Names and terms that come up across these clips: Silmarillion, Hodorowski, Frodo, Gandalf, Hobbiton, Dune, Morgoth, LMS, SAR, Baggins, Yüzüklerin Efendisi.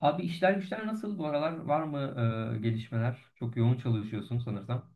Abi işler güçler nasıl bu aralar? Var mı gelişmeler? Çok yoğun çalışıyorsun sanırsam.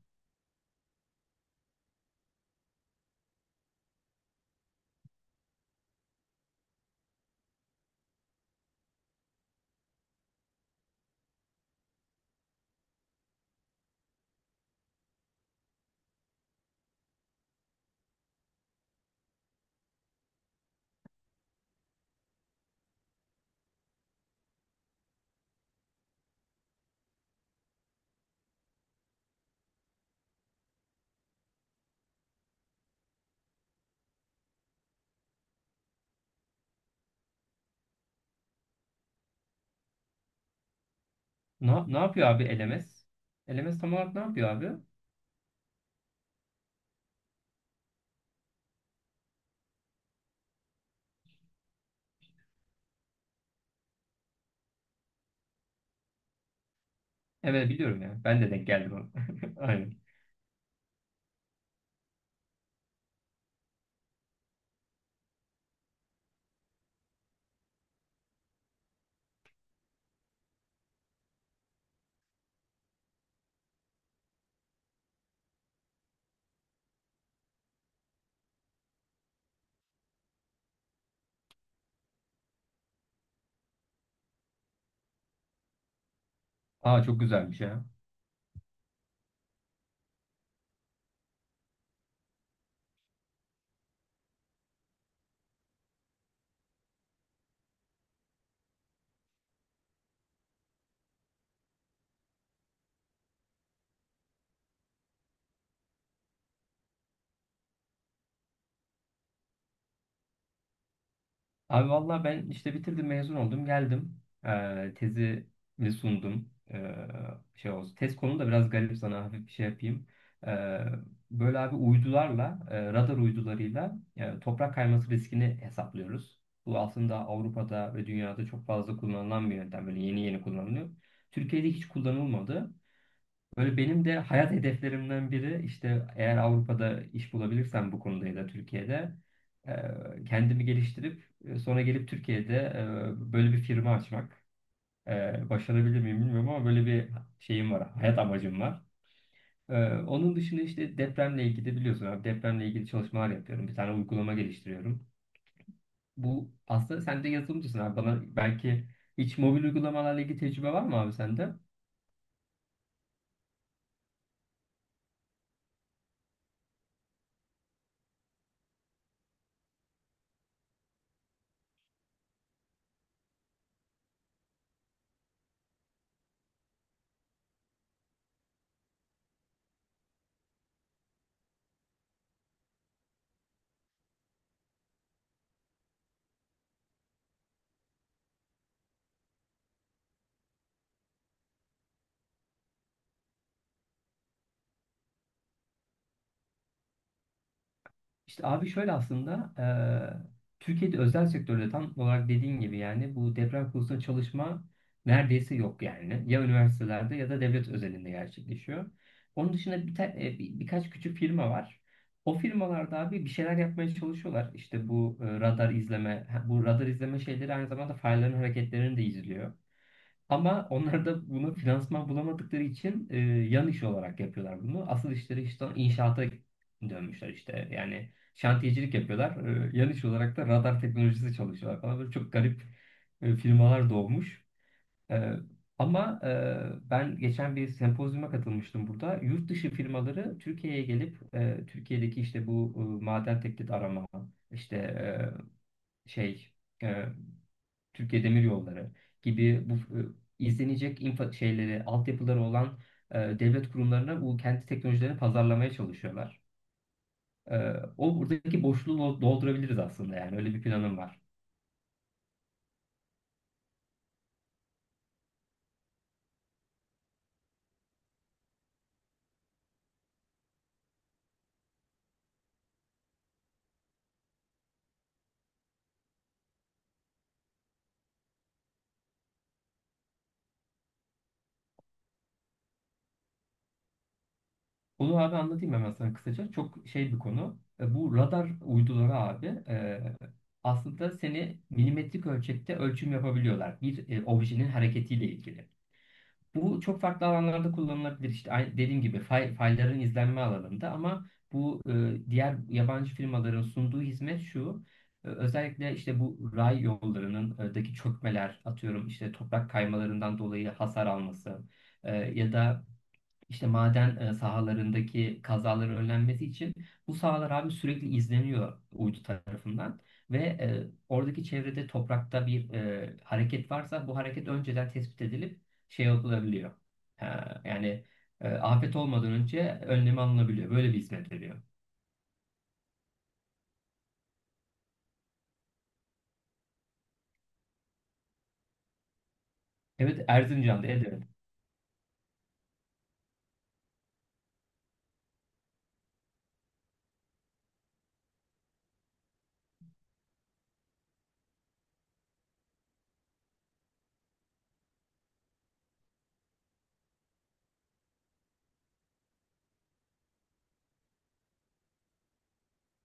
Ne yapıyor abi LMS? LMS tam olarak ne yapıyor abi? Evet biliyorum ya. Ben de denk geldim ona. Aynen. Aa, çok güzelmiş ya. Abi valla ben işte bitirdim, mezun oldum, geldim. Tezimi sundum. Şey olsun, tez konu da biraz garip, sana hafif bir şey yapayım. Ee, Böyle abi uydularla radar uydularıyla toprak kayması riskini hesaplıyoruz. Bu aslında Avrupa'da ve dünyada çok fazla kullanılan bir yöntem, böyle yeni yeni kullanılıyor. Türkiye'de hiç kullanılmadı. Böyle benim de hayat hedeflerimden biri işte, eğer Avrupa'da iş bulabilirsem bu konuda ya da Türkiye'de kendimi geliştirip sonra gelip Türkiye'de böyle bir firma açmak. Başarabilir miyim bilmiyorum ama böyle bir şeyim var, hayat amacım var. E, Onun dışında işte depremle ilgili, biliyorsun abi, depremle ilgili çalışmalar yapıyorum. Bir tane uygulama geliştiriyorum. Bu aslında sen de yazılımcısın abi, bana belki hiç mobil uygulamalarla ilgili tecrübe var mı abi sende? İşte abi şöyle aslında, Türkiye'de özel sektörde tam olarak dediğin gibi yani bu deprem konusunda çalışma neredeyse yok yani. Ya üniversitelerde ya da devlet özelinde gerçekleşiyor. Onun dışında birkaç küçük firma var. O firmalarda abi bir şeyler yapmaya çalışıyorlar. İşte bu radar izleme, ha, bu radar izleme şeyleri aynı zamanda farelerin hareketlerini de izliyor. Ama onlar da bunu finansman bulamadıkları için yan iş olarak yapıyorlar bunu. Asıl işleri işte inşaata dönmüşler işte. Yani şantiyecilik yapıyorlar. Yan iş olarak da radar teknolojisi çalışıyorlar falan. Böyle çok garip firmalar doğmuş. E, Ben geçen bir sempozyuma katılmıştım burada. Yurt dışı firmaları Türkiye'ye gelip Türkiye'deki işte bu maden teklif arama, işte e, şey... e, Türkiye Demir Yolları gibi bu izlenecek infa şeyleri, altyapıları olan devlet kurumlarına bu kendi teknolojilerini pazarlamaya çalışıyorlar. E, O buradaki boşluğu doldurabiliriz aslında, yani öyle bir planım var. Onu abi anlatayım hemen sana kısaca. Çok şey bir konu. Bu radar uyduları abi aslında seni milimetrik ölçekte ölçüm yapabiliyorlar. Bir objenin hareketiyle ilgili. Bu çok farklı alanlarda kullanılabilir. İşte dediğim gibi faillerin izlenme alanında. Ama bu diğer yabancı firmaların sunduğu hizmet şu. Özellikle işte bu ray yollarının daki çökmeler, atıyorum işte toprak kaymalarından dolayı hasar alması ya da işte maden sahalarındaki kazaların önlenmesi için bu sahalar abi sürekli izleniyor uydu tarafından. Ve oradaki çevrede toprakta bir hareket varsa bu hareket önceden tespit edilip şey yapılabiliyor. Ha, yani afet olmadan önce önlemi alınabiliyor. Böyle bir hizmet veriyor. Evet, Erzincan'da, evet. Evet.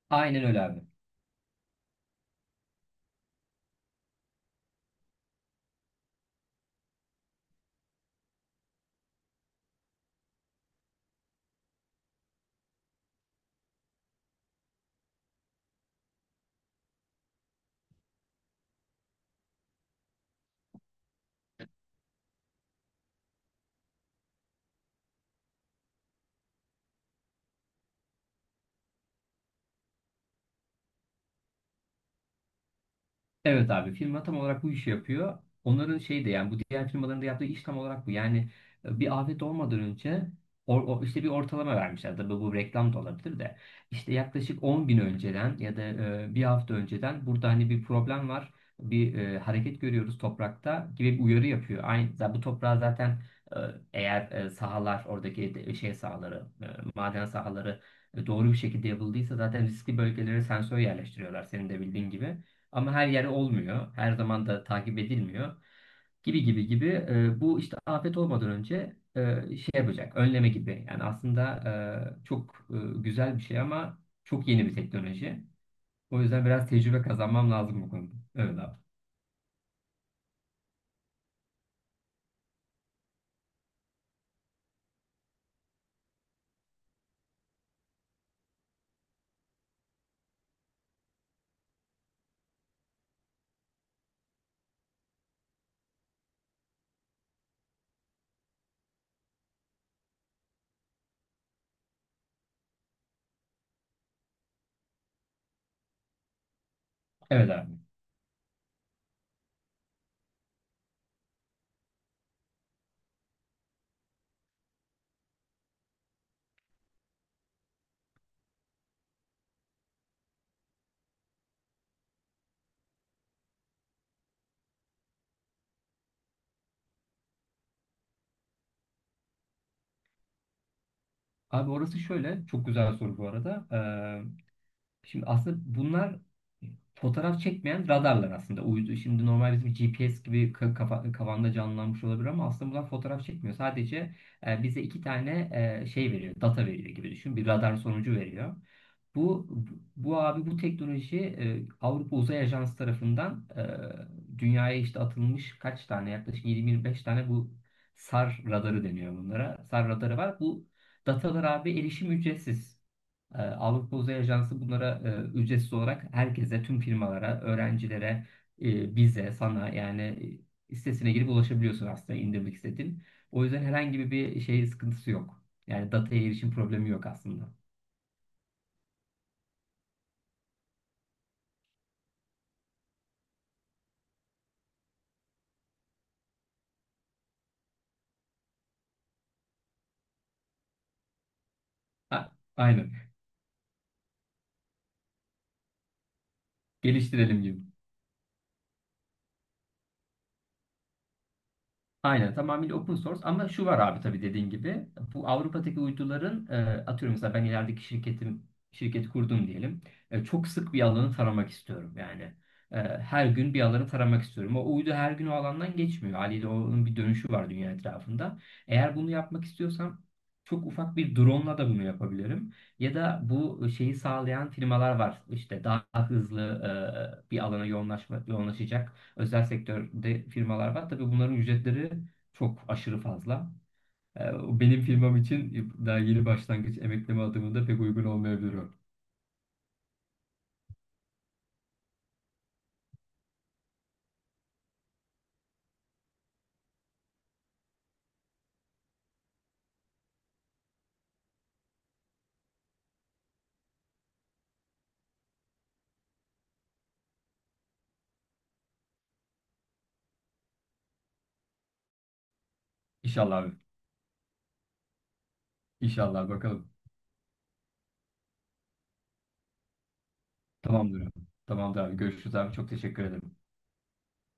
Aynen öyle abi. Evet abi, firma tam olarak bu işi yapıyor. Onların şey de, yani bu diğer firmaların da yaptığı iş tam olarak bu. Yani bir afet olmadan önce işte bir ortalama vermişler. Tabii bu reklam da olabilir de. İşte yaklaşık 10 gün önceden ya da bir hafta önceden burada hani bir problem var. Bir hareket görüyoruz toprakta gibi bir uyarı yapıyor. Aynı, zaten bu toprağa zaten e, sahalar oradaki şey sahaları, maden sahaları doğru bir şekilde yapıldıysa zaten riskli bölgelere sensör yerleştiriyorlar, senin de bildiğin gibi. Ama her yer olmuyor. Her zaman da takip edilmiyor. Gibi gibi gibi. Bu işte afet olmadan önce şey yapacak. Önleme gibi. Yani aslında çok güzel bir şey ama çok yeni bir teknoloji. O yüzden biraz tecrübe kazanmam lazım bu konuda. Evet abi. Evet abi. Abi orası şöyle. Çok güzel soru bu arada. Şimdi aslında bunlar e, fotoğraf çekmeyen radarlar aslında. Uydu, şimdi normal bizim GPS gibi kafanda canlanmış olabilir ama aslında bunlar fotoğraf çekmiyor. Sadece bize iki tane şey veriyor, data veriyor gibi düşün. Bir radar sonucu veriyor. Bu bu abi bu teknoloji Avrupa Uzay Ajansı tarafından dünyaya işte atılmış, kaç tane, yaklaşık 20-25 tane, bu SAR radarı deniyor bunlara. SAR radarı var. Bu datalar abi, erişim ücretsiz. Avrupa Uzay Ajansı bunlara ücretsiz olarak herkese, tüm firmalara, öğrencilere, bize, sana yani sitesine girip ulaşabiliyorsun aslında indirmek istediğin. O yüzden herhangi bir şey sıkıntısı yok. Yani dataya erişim problemi yok aslında. A- aynen. Geliştirelim gibi. Aynen, tamamıyla open source. Ama şu var abi, tabii dediğin gibi bu Avrupa'daki uyduların atıyorum mesela ben ilerideki şirketim, şirket kurdum diyelim. Çok sık bir alanı taramak istiyorum yani. Her gün bir alanı taramak istiyorum. O uydu her gün o alandan geçmiyor. Haliyle onun bir dönüşü var dünya etrafında. Eğer bunu yapmak istiyorsam çok ufak bir drone'la da bunu yapabilirim. Ya da bu şeyi sağlayan firmalar var. İşte daha hızlı bir alana yoğunlaşma, yoğunlaşacak özel sektörde firmalar var. Tabii bunların ücretleri çok aşırı fazla. O benim firmam için daha yeni başlangıç emekleme adımında pek uygun olmayabilir o. İnşallah abi. İnşallah bakalım. Tamamdır abi. Tamamdır abi. Görüşürüz abi. Çok teşekkür ederim.